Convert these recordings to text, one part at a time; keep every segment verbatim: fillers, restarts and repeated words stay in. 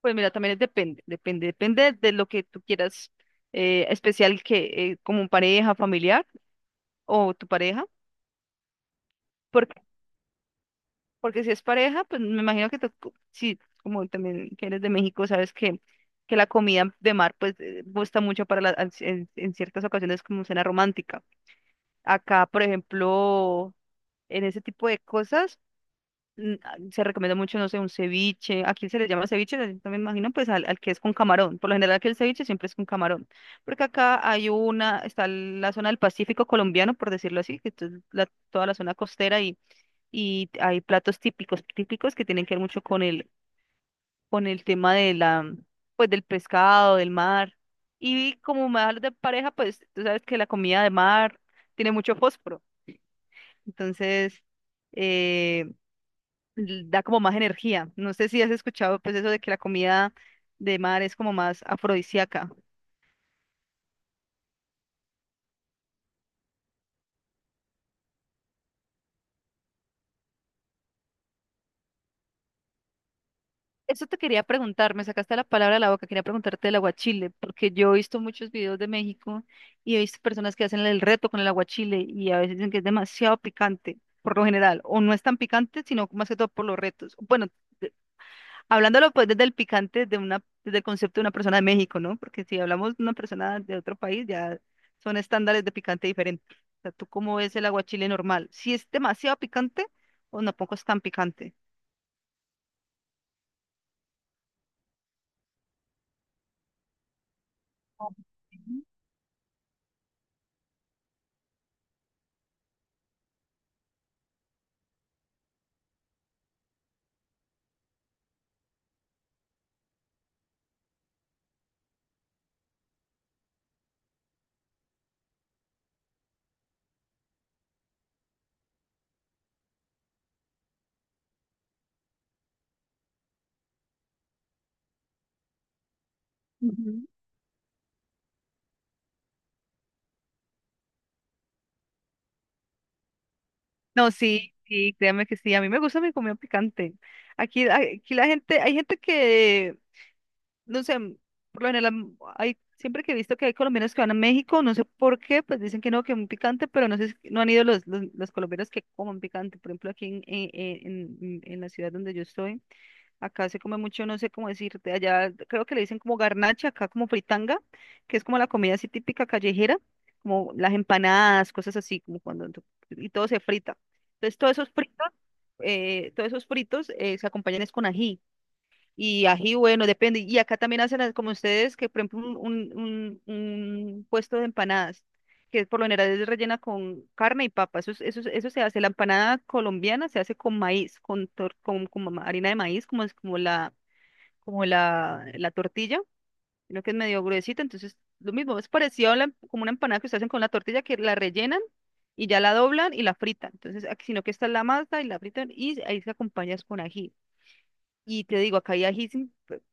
Pues mira, también es depende, depende, depende de lo que tú quieras, eh, especial que eh, como pareja, familiar o tu pareja, porque, porque si es pareja, pues me imagino que te- si como también que eres de México, sabes que, que la comida de mar pues eh, gusta mucho para la, al- en, en ciertas ocasiones como cena romántica. Acá, por ejemplo, en ese tipo de cosas. Mm, ah, se recomienda mucho, no sé, un ceviche. Aquí se le llama ceviche, también me imagino, pues al, al que es con camarón. Por lo general, que el ceviche siempre es con camarón. Porque acá hay una, está la zona del Pacífico colombiano, por decirlo así, que es la- toda la zona costera y, y hay platos típicos, típicos que tienen que ver mucho con el, con el tema de la, pues del pescado, del mar. Y como me hablas de pareja, pues tú sabes que la comida de mar tiene mucho fósforo. Entonces, eh, l- da como más energía. No sé si has escuchado pues eso de que la comida de mar es como más afrodisíaca. Eso te quería preguntar, me sacaste la palabra de la boca, quería preguntarte del aguachile, porque yo he visto muchos videos de México y he visto personas que hacen el reto con el aguachile y a veces dicen que es demasiado picante, por lo general, o no es tan picante, sino más que todo por los retos. Bueno, hablándolo pues desde el picante, de una, desde el concepto de una persona de México, ¿no? Porque si hablamos de una persona de otro país, ya son estándares de picante diferentes. O sea, ¿tú cómo ves el aguachile normal? ¿Si es demasiado picante o no poco es tan picante? Ok. Ujú. No, sí, sí, créame que sí. A mí me gusta mi comida picante. Aquí, aquí la gente, hay gente que no sé, por lo general mm, hay, siempre que he visto que hay colombianos que van a México, no sé por qué, pues dicen que no, que un picante, pero no sé si no han ido los, los, los colombianos que comen picante. Por ejemplo, aquí en, en, en- en- en la ciudad donde yo estoy, acá se come mucho, no sé cómo decirte, allá creo que le dicen como garnacha, acá como fritanga, que es como la comida así típica callejera, como las empanadas, cosas así, como cuando tú- y todo se frita. Entonces, todos esos fritos, eh, todos esos fritos eh, se acompañan es con ají. Y ají, bueno, depende. Y acá también hacen las- como ustedes, que por ejemplo un, un, un- un puesto de empanadas, que por lo general es rellena con carne y papa. Eso, es- eso, es- eso se hace. La empanada colombiana se hace con maíz, con, tor- con, como ma- harina de maíz, como, es- como, la, como la, la tortilla, sino que es medio gruesita. Entonces, lo mismo, es parecido a la- como una empanada que ustedes hacen con la tortilla, que la rellenan y ya la doblan y la fritan. Entonces, aquí, sino que esta es la masa y la fritan y ahí se acompañas con ají. Y te digo, acá hay ají,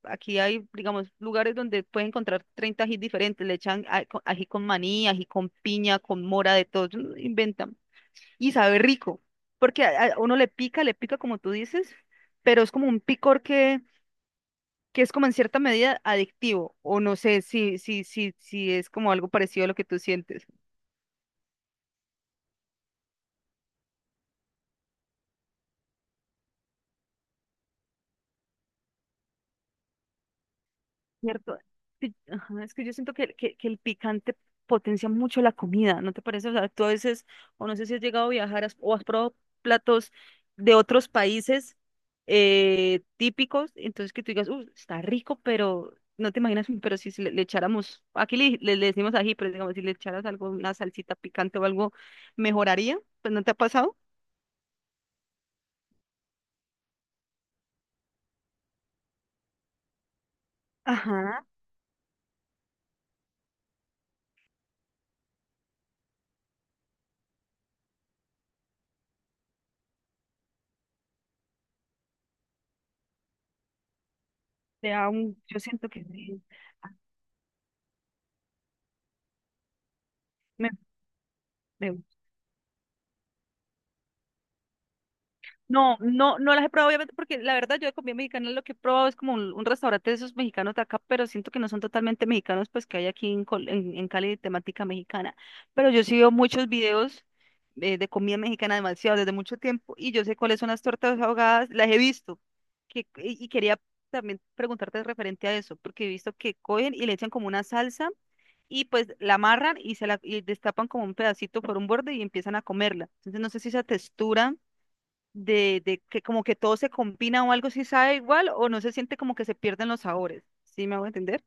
aquí hay, digamos, lugares donde puedes encontrar treinta ají diferentes. Le echan a- co- ají con maní, ají con piña, con mora, de todo, mm, inventan. Y sabe rico, porque a, a uno le pica, le pica como tú dices, pero es como un picor que, que es como en cierta medida adictivo, o no sé si, si, si, si es como algo parecido a lo que tú sientes. Cierto. Sí, ajá, es que yo siento que, que, que el picante potencia mucho la comida, ¿no te parece? O sea, tú a veces, o no sé si has llegado a viajar has- o has probado platos de otros países eh, típicos, entonces que tú digas, uh, está rico, pero no te imaginas, pero si se le, le echáramos, aquí le, le- le decimos ají, pero digamos, si le echaras algo, una salsita picante o algo, ¿mejoraría? Pues ¿no te ha pasado? Ajá, te da un- yo siento que sí. Ah, Me, me no, no, no las he probado, obviamente, porque la verdad yo de comida mexicana lo que he probado es como un, un restaurante de esos mexicanos de acá, pero siento que no son totalmente mexicanos, pues que hay aquí en, Col- en, en Cali de temática mexicana. Pero yo sí veo muchos videos eh, de comida mexicana demasiado, desde mucho tiempo, y yo sé cuáles son las tortas ahogadas, las he visto. Que, y y quería también preguntarte referente a eso, porque he visto que cogen y le echan como una salsa y pues la amarran y se la y destapan como un pedacito por un borde y empiezan a comerla. Entonces no sé si esa textura de, de que como que todo se combina o algo si sabe igual o no se siente como que se pierden los sabores. ¿Sí me hago entender?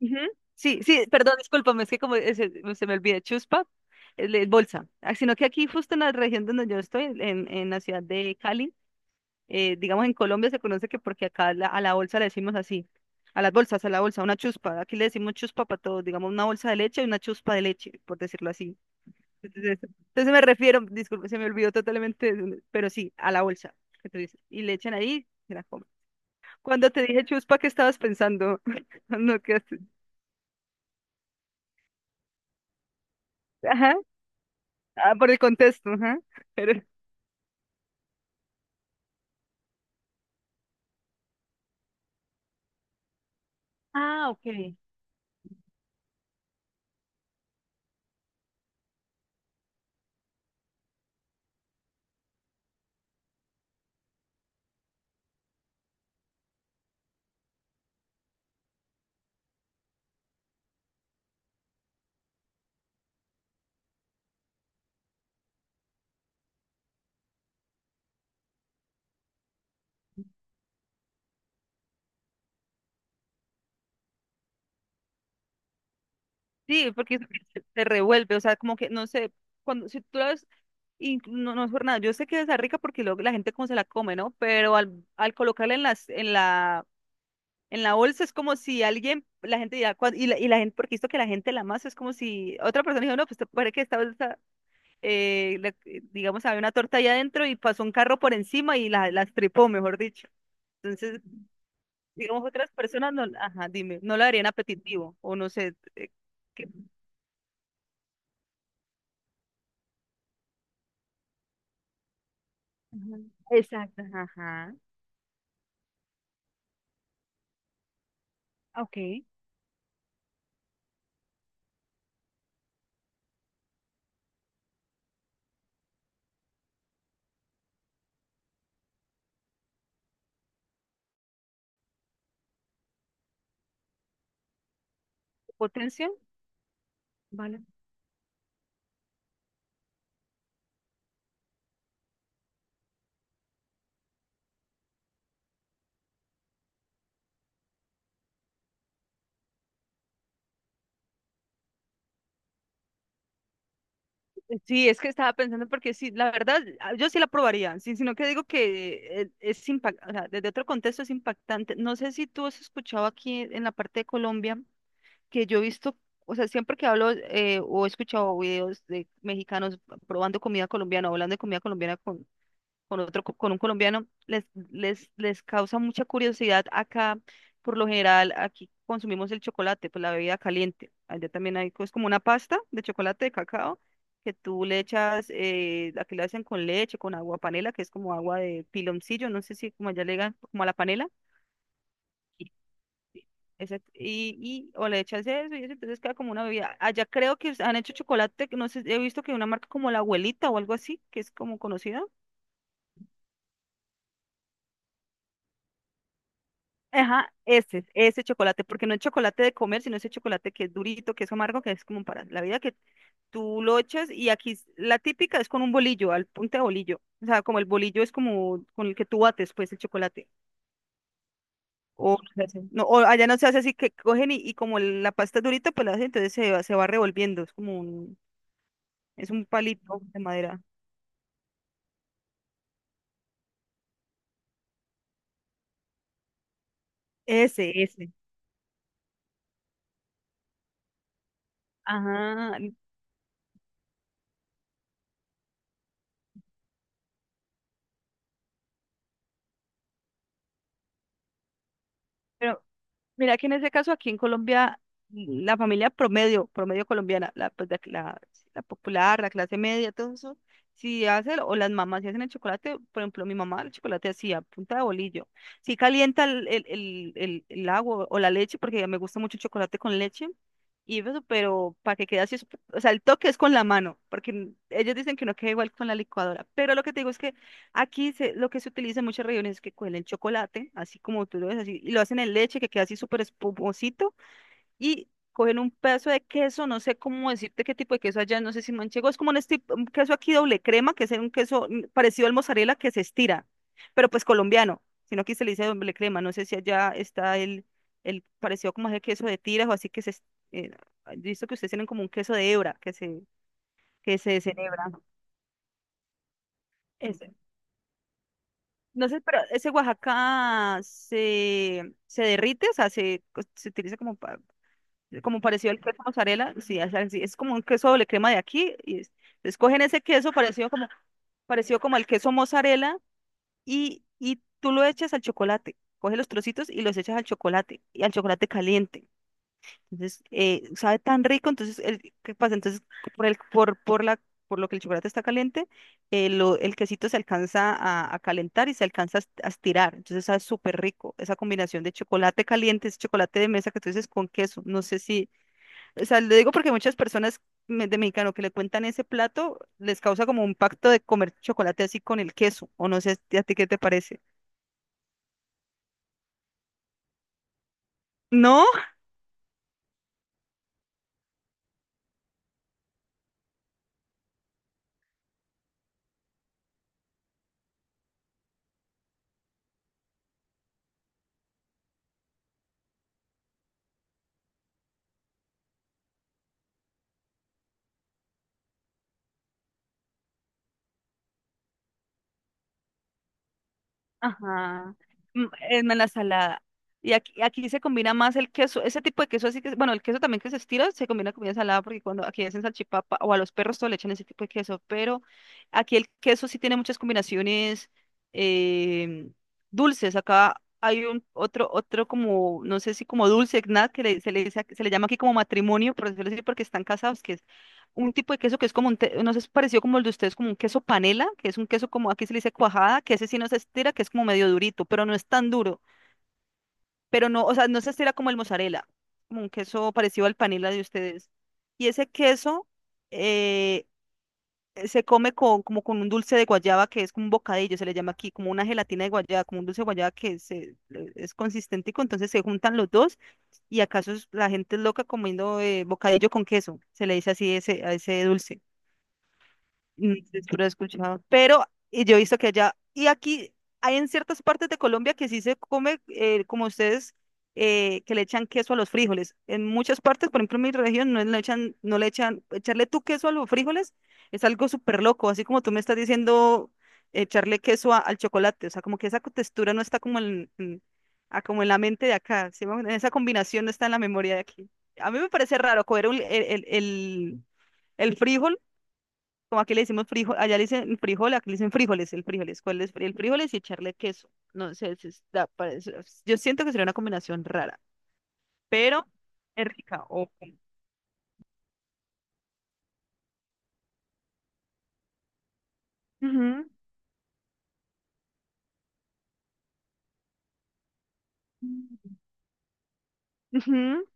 Ujú. Sí, sí, perdón, discúlpame, es que como eh, se, se me olvida, chuspa, el, el bolsa. Ah, sino que aquí justo en la región donde yo estoy, en, en la ciudad de Cali, eh, digamos en Colombia se conoce que porque acá la- a la bolsa le decimos así, a las bolsas, a la bolsa, una chuspa. Aquí le decimos chuspa para todo, digamos una bolsa de leche y una chuspa de leche, por decirlo así. Entonces eso. Entonces me refiero, disculpe, se me olvidó totalmente, de- pero sí, a la bolsa que tú dices. Y le echan ahí, se la comen. Cuando te dije chuspa, ¿qué estabas pensando? No, ¿qué haces? Ajá, ah, por el contexto, ajá. Pero, ah, ok, sí, porque se se revuelve, o sea, como que, no sé, cuando, si tú la ves, y no, no es por nada, yo sé que es rica porque luego la gente como se la come, ¿no? Pero al, al colocarla en las, en la En la bolsa es como si alguien, la gente dirá, cuan- y la, y la gente, porque esto que la gente la masa es como si otra persona dijo, no, pues te parece que esta bolsa, eh, la- eh, digamos, había una torta ahí adentro y pasó un carro por encima y la, la estripó mejor dicho. Entonces, digamos, otras personas no, ajá, dime, no la harían apetitivo, o no sé, eh, qué- Ajá. Exacto, ajá, ajá. Ok, potencia, sí, es que estaba pensando porque sí, la verdad, ah, yo sí la probaría, sí, sino que digo que eh, es impactante, o sea, desde otro contexto es impactante. No sé si tú has escuchado aquí en la parte de Colombia, que yo he visto, o sea, siempre que hablo eh, o he escuchado videos de mexicanos probando comida colombiana o hablando de comida colombiana con otro, co- con un colombiano, les, les, les causa mucha curiosidad acá. Por lo general, aquí consumimos el chocolate, pues la bebida caliente. Allá también hay, es como una pasta de chocolate de cacao que tú le echas, eh, aquí la hacen con leche, con agua panela, que es como agua de piloncillo, no sé si como allá le digan, como a la panela. Sí, sí. Exacto. Y, y o le echas eso y eso, entonces queda como una bebida. Allá creo que han hecho chocolate, que no sé, he visto que una marca como La Abuelita o algo así, que es como conocida. Ajá, ese, ese chocolate, porque no es chocolate de comer, sino ese chocolate que es durito, que es amargo, que es como para la vida, que tú lo echas y aquí es- la típica es con un bolillo, al punto de bolillo. O sea, como el bolillo es como con el que tú bates, pues, el chocolate. O, no, se hace- no, o allá no se hace así, que cogen y, y como el- la pasta es durita, pues la hacen, entonces se, va- se va revolviendo, es como un, es un palito de madera. Ese, ese. Ajá, pero mira que en ese caso aquí en Colombia, mm, la familia promedio, promedio colombiana, la, pues, la, la- la popular, la clase media, todo eso, si hace, o las mamás si hacen el chocolate, por ejemplo, mi mamá el chocolate hacía a punta de bolillo. Si calienta el, el, el, el- el agua o la leche, porque me gusta mucho el chocolate con leche, y eso, pero para que quede así, o sea, el toque es con la mano, porque mm, ellos dicen que no queda igual con la licuadora, pero lo que te digo es que Aquí se- lo que se utiliza en muchas regiones es que cogen el chocolate, así como tú lo ves, así, y lo hacen en leche, que queda así súper espumosito, y cogen un pedazo de queso. No sé cómo decirte qué tipo de queso allá, no sé si manchego, es como un, esti- un queso aquí doble crema, que es un queso mm, parecido al mozzarella que se estira, pero pues colombiano, sino aquí se le dice doble crema. No sé si allá está el, el parecido como ese queso de tiras o así que se, es- eh, he visto que ustedes tienen como un queso de hebra, que se, que se deshebra. No sé, pero ese Oaxaca se, se derrite, o sea, se, co- se utiliza como, pa- como parecido al queso mozzarella. Sí, es, así, es como un queso doble crema de aquí. Y es- entonces ese queso parecido como, parecido como el queso mozzarella, y, y tú lo echas al chocolate. Coges los trocitos y los echas al chocolate, y al chocolate caliente. Entonces, eh, sabe tan rico. Entonces, el, ¿qué pasa? Entonces, por el, por, por la, por lo que el chocolate está caliente, eh, lo- el quesito se alcanza a, a calentar y se alcanza a est- a estirar. Entonces, sabe súper rico esa combinación de chocolate caliente, ese chocolate de mesa que tú dices con queso. No sé si, o sea, le digo porque muchas personas me- de mexicano que le cuentan ese plato, les causa como un pacto de comer chocolate así con el queso, o no sé, ¿a ti qué te parece? ¿No? Ajá. Mm, en en la salada. Y aquí, aquí se combina más el queso, ese tipo de queso así que, bueno, el queso también que se estira se combina con comida salada, porque cuando aquí hacen salchipapa o a los perros todo le echan ese tipo de queso, pero aquí el queso sí tiene muchas combinaciones eh, dulces. Acá hay un otro, otro como, no sé si como dulce, nada, que le- se le, dice ac- se le llama aquí como matrimonio, por decirlo así, porque están casados, que es un tipo de queso que es como un, te- no sé, es parecido como el de ustedes, como un queso panela, que es un queso como, aquí se le dice cuajada, que ese sí no se estira, que es como medio durito, pero no es tan duro, pero no, o sea, no se estira como el mozzarella, como un queso parecido al panela de ustedes. Y ese queso eh, se come con, como con un dulce de guayaba, que es como un bocadillo, se le llama aquí, como una gelatina de guayaba, como un dulce de guayaba que se, es consistente, entonces se juntan los dos. Y acaso la gente es loca comiendo eh, bocadillo con queso, se le dice así ese, a ese dulce. Mm, sí, sí lo he escuchado. Pero y yo he visto que allá, y aquí hay en ciertas partes de Colombia que sí se come, eh, como ustedes, eh, que le echan queso a los frijoles. En muchas partes, por ejemplo, en mi región, no le echan, no le echan, echarle tú queso a los frijoles es algo súper loco, así como tú me estás diciendo echarle queso a- al chocolate, o sea, como que esa textura no está como en, en- ah, como en la mente de acá, ¿sí? me Esa combinación no está en la memoria de aquí. A mí me parece raro comer un- el, el, el el frijol, como aquí le decimos frijol, allá le dicen frijol, aquí le dicen frijoles, el frijoles. ¿Cuál es el frijoles y echarle queso? No sé, si está, parece- yo siento que sería una combinación rara, pero es rica. Ok. Ujú. Ujú,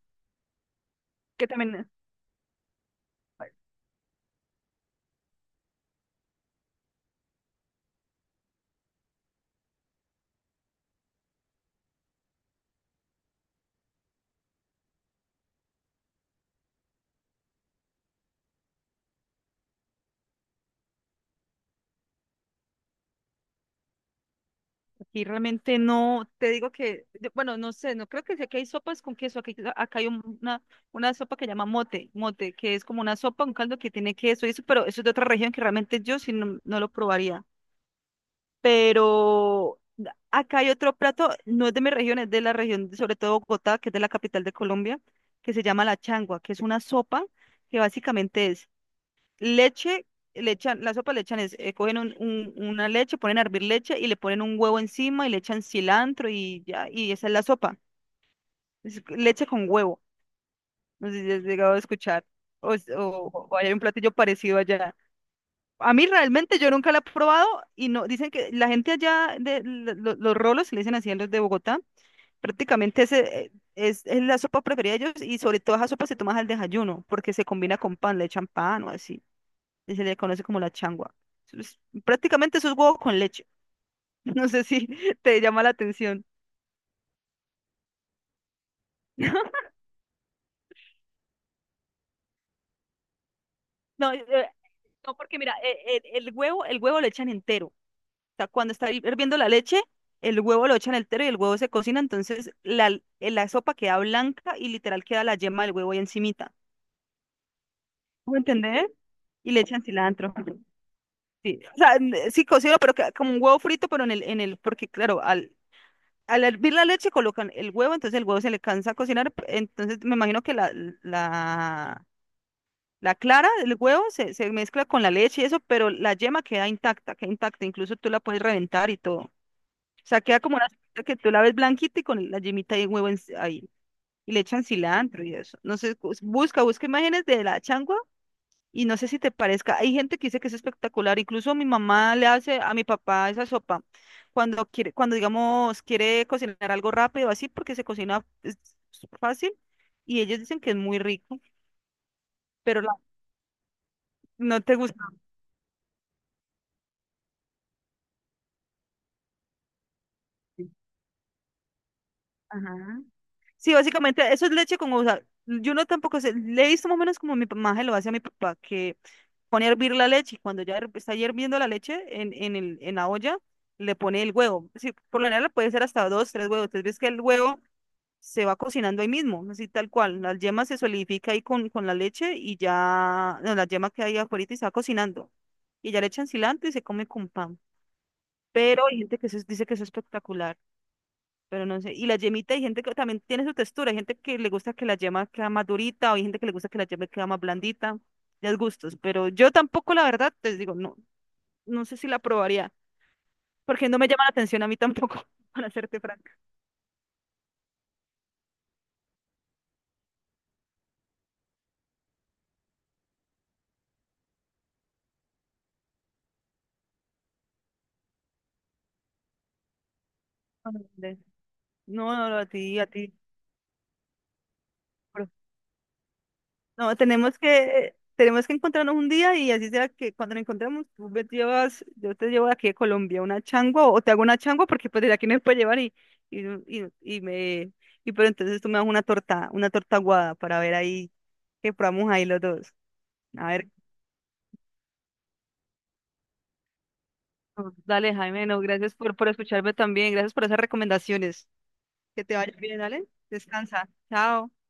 que también aquí realmente no, te digo que, yo- bueno, no sé, no creo que sea que hay sopas con queso aquí. Acá hay un- una, una sopa que llama mote, mote, que es como una sopa, un caldo que tiene queso y eso, pero eso es de otra región que realmente yo sí no, no lo probaría. Pero acá hay otro plato, no es de mi región, es de la región, de- sobre todo Bogotá, que es de la capital de Colombia, que se llama la changua, que es una sopa que básicamente es leche. Le echan, la sopa le echan, es, eh, cogen un- un- una leche, ponen a hervir leche y le ponen un huevo encima y le echan cilantro y ya, y esa es la sopa, es leche con huevo. No sé si has llegado a escuchar, o, es- o, o hay un platillo parecido allá. A mí realmente yo nunca la he probado y no, dicen que la gente allá de lo- lo- los rolos, se le dicen así a los de Bogotá, prácticamente ese, eh, es, es la sopa preferida de ellos, y sobre todo esa sopa se toma al desayuno porque se combina con pan, le echan pan o así, y se le conoce como la changua. Eso es- Prácticamente eso es huevo con leche. No sé si te llama la atención. No, eh, no, porque mira, eh, el, el huevo, el huevo lo echan entero. Sea, cuando está hirviendo la leche, el huevo lo echan entero y el huevo se cocina, entonces la, la sopa queda blanca y literal queda la yema del huevo ahí encimita. ¿Sí? ¿Me entender? Y le echan cilantro. Sí, o sea, n- eh, sí cocino, pero que- como un huevo frito, pero en el, en el, porque claro, al, al hervir la leche colocan el huevo, entonces el huevo se le cansa a cocinar, p- entonces me imagino que la, la, la clara del huevo se, se mezcla con la leche y eso, pero la yema queda intacta, queda intacta, incluso tú la puedes reventar y todo. O sea, queda como una salsita que tú la ves blanquita y con la yemita y el huevo en- ahí. Y le echan cilantro y eso. No sé, cus- busca, busca imágenes de la changua y no sé si te parezca. Hay gente que dice que es espectacular. Incluso mi mamá le hace a mi papá esa sopa cuando quiere, cuando digamos quiere cocinar algo rápido así, porque se cocina es fácil. Y ellos dicen que es muy rico, pero la- no te gusta. Ajá. Sí, básicamente eso es leche con, o sea, yo no tampoco sé, le he visto más o menos como mi mamá se lo hace a mi papá, que pone a hervir la leche y cuando ya her- está hirviendo la leche en, en, el, en la olla, le pone el huevo. Sí, por lo general puede ser hasta dos, tres huevos. Entonces ves que el huevo se va cocinando ahí mismo, así tal cual. La yema se solidifica ahí con, con la leche y ya, no, la yema que hay afuera y se va cocinando. Y ya le echan cilantro y se come con pan. Pero hay gente que eso es- dice que eso es espectacular. Pero no sé, y la yemita, hay gente que también tiene su textura, hay gente que le gusta que la yema queda más durita, o hay gente que le gusta que la yema queda más blandita, ya es gustos, pero yo tampoco, la verdad, les digo, no, no sé si la probaría, porque no me llama la atención a mí tampoco, para serte franca. Ándale. No, no, no, a ti, a ti. pero- No, tenemos que, tenemos que encontrarnos un día y así sea que cuando nos encontremos, tú me llevas, yo te llevo de aquí de Colombia una changua, o te hago una changua porque pues de aquí no me puede llevar, y, y, y, y me, y pero entonces tú me das una torta, una torta aguada para ver ahí que probamos ahí los dos. A ver. Dale, Jaime, no, gracias por, por escucharme también, gracias por esas recomendaciones. Que te vaya bien, dale. Descansa. Chao.